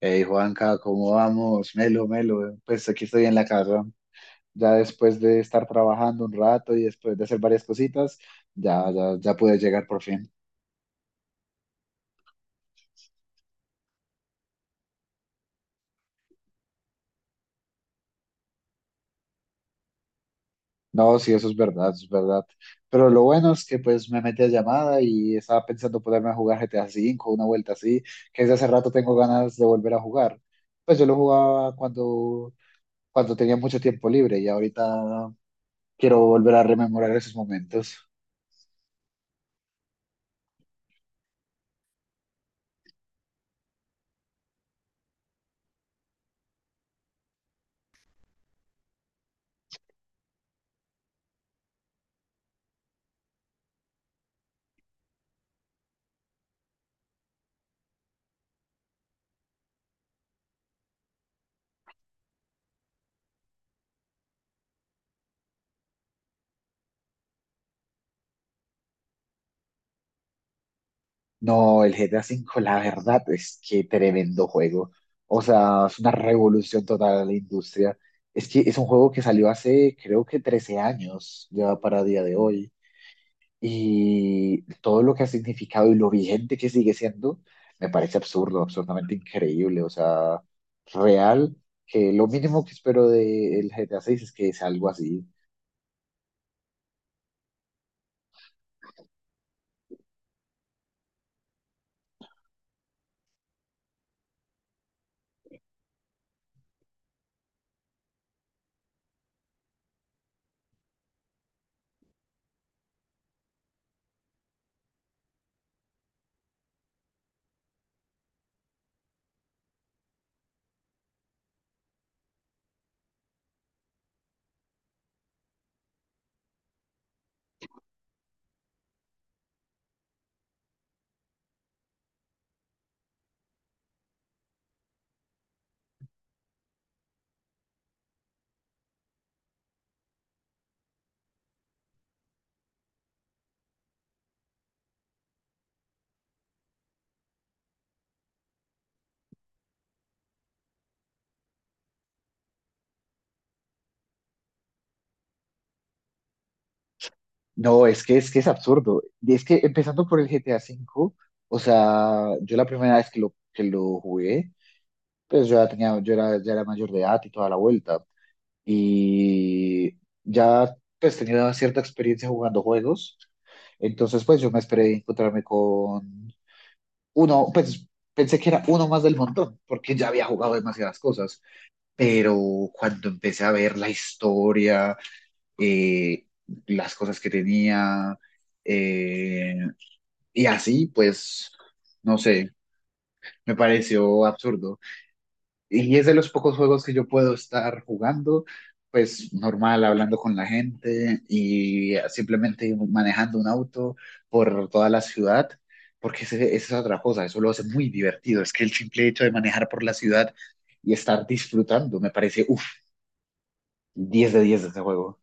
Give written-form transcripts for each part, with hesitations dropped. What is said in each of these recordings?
Hey Juanca, ¿cómo vamos? Melo, melo. Pues aquí estoy en la casa, ya después de estar trabajando un rato y después de hacer varias cositas, ya pude llegar por fin. No, sí, eso es verdad, eso es verdad. Pero lo bueno es que pues me metí a llamada y estaba pensando ponerme a jugar GTA V, una vuelta así, que desde hace rato tengo ganas de volver a jugar. Pues yo lo jugaba cuando tenía mucho tiempo libre y ahorita quiero volver a rememorar esos momentos. No, el GTA 5, la verdad es que tremendo juego. O sea, es una revolución total a la industria. Es que es un juego que salió hace, creo que 13 años, ya para día de hoy. Y todo lo que ha significado y lo vigente que sigue siendo, me parece absurdo, absolutamente increíble. O sea, real, que lo mínimo que espero del GTA 6 es que sea algo así. No, es que es absurdo. Y es que empezando por el GTA 5, o sea, yo la primera vez que lo jugué, pues yo ya tenía, yo era, ya era mayor de edad y toda la vuelta. Y ya pues tenía una cierta experiencia jugando juegos. Entonces, pues yo me esperé encontrarme con uno, pues pensé que era uno más del montón, porque ya había jugado demasiadas cosas. Pero cuando empecé a ver la historia, eh, las cosas que tenía, eh, y así, pues, no sé, me pareció absurdo. Y es de los pocos juegos que yo puedo estar jugando, pues normal, hablando con la gente y simplemente manejando un auto por toda la ciudad, porque esa es otra cosa, eso lo hace muy divertido. Es que el simple hecho de manejar por la ciudad y estar disfrutando, me parece, uff, 10 de 10 de este juego.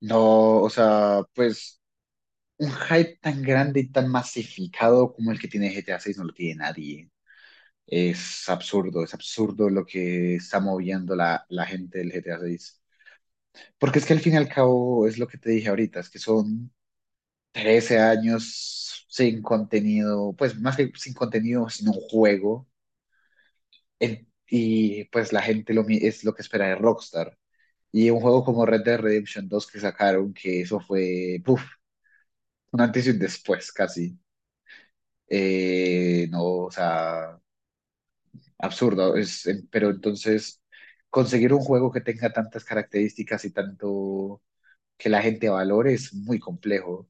No, o sea, pues un hype tan grande y tan masificado como el que tiene GTA 6 no lo tiene nadie. Es absurdo lo que está moviendo la gente del GTA 6. Porque es que al fin y al cabo es lo que te dije ahorita, es que son 13 años sin contenido, pues más que sin contenido, sin un juego. En- y pues la gente es lo que espera de Rockstar. Y un juego como Red Dead Redemption 2 que sacaron, que eso fue, puf, un antes y un después casi. No, o sea, absurdo. Es, pero entonces, conseguir un juego que tenga tantas características y tanto que la gente valore es muy complejo.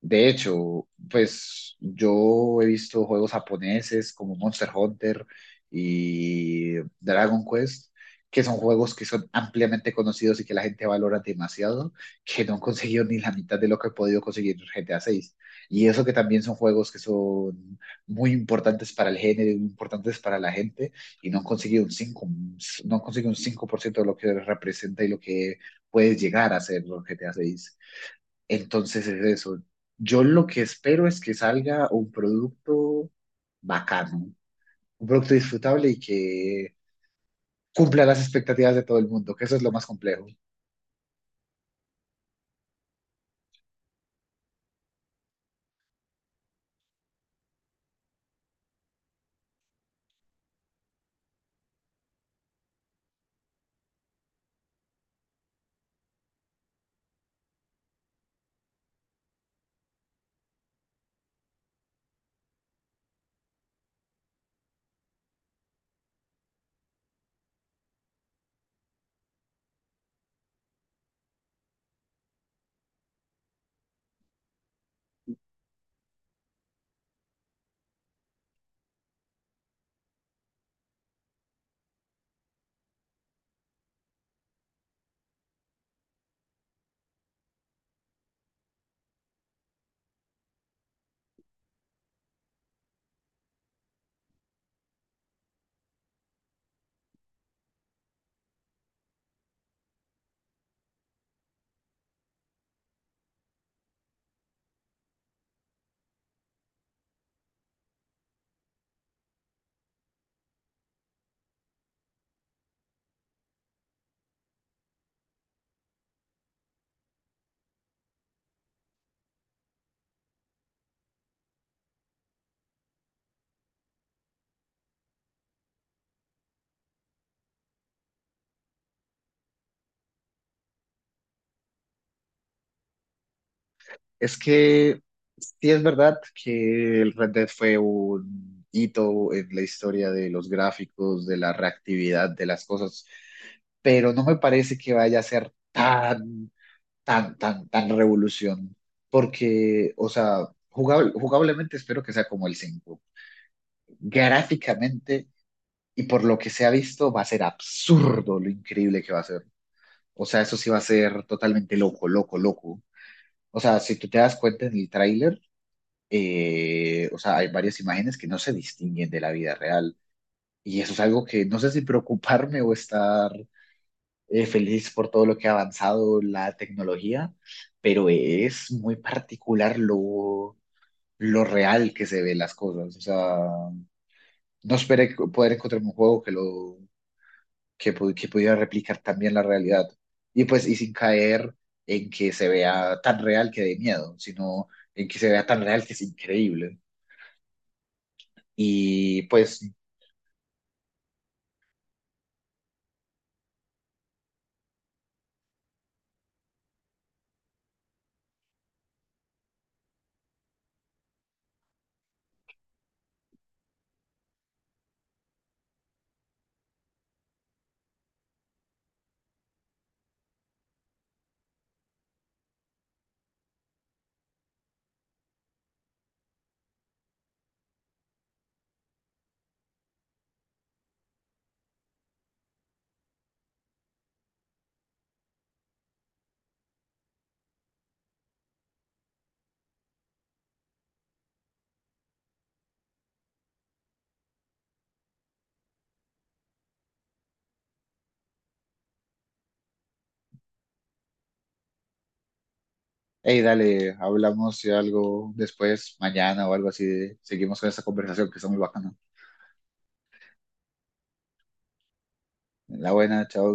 De hecho, pues yo he visto juegos japoneses como Monster Hunter y Dragon Quest, que son juegos que son ampliamente conocidos y que la gente valora demasiado, que no han conseguido ni la mitad de lo que he podido conseguir GTA 6. Y eso que también son juegos que son muy importantes para el género, y muy importantes para la gente, y no han conseguido un 5 no han conseguido un 5% de lo que representa y lo que puedes llegar a ser GTA 6. Entonces es eso. Yo lo que espero es que salga un producto bacano, un producto disfrutable y que cumpla las expectativas de todo el mundo, que eso es lo más complejo. Es que sí es verdad que el Red Dead fue un hito en la historia de los gráficos, de la reactividad de las cosas, pero no me parece que vaya a ser tan revolución, porque, o sea, jugablemente espero que sea como el 5 gráficamente y por lo que se ha visto va a ser absurdo lo increíble que va a ser. O sea, eso sí va a ser totalmente loco, loco, loco. O sea, si tú te das cuenta en el tráiler, o sea, hay varias imágenes que no se distinguen de la vida real. Y eso es algo que no sé si preocuparme o estar feliz por todo lo que ha avanzado la tecnología, pero es muy particular lo real que se ve las cosas. O sea, no esperé poder encontrar un juego que que pudiera replicar también la realidad. Y pues, y sin caer en que se vea tan real que dé miedo, sino en que se vea tan real que es increíble. Y pues, hey, dale, hablamos de algo después, mañana o algo así, seguimos con esta conversación que está muy bacana. La buena, chao.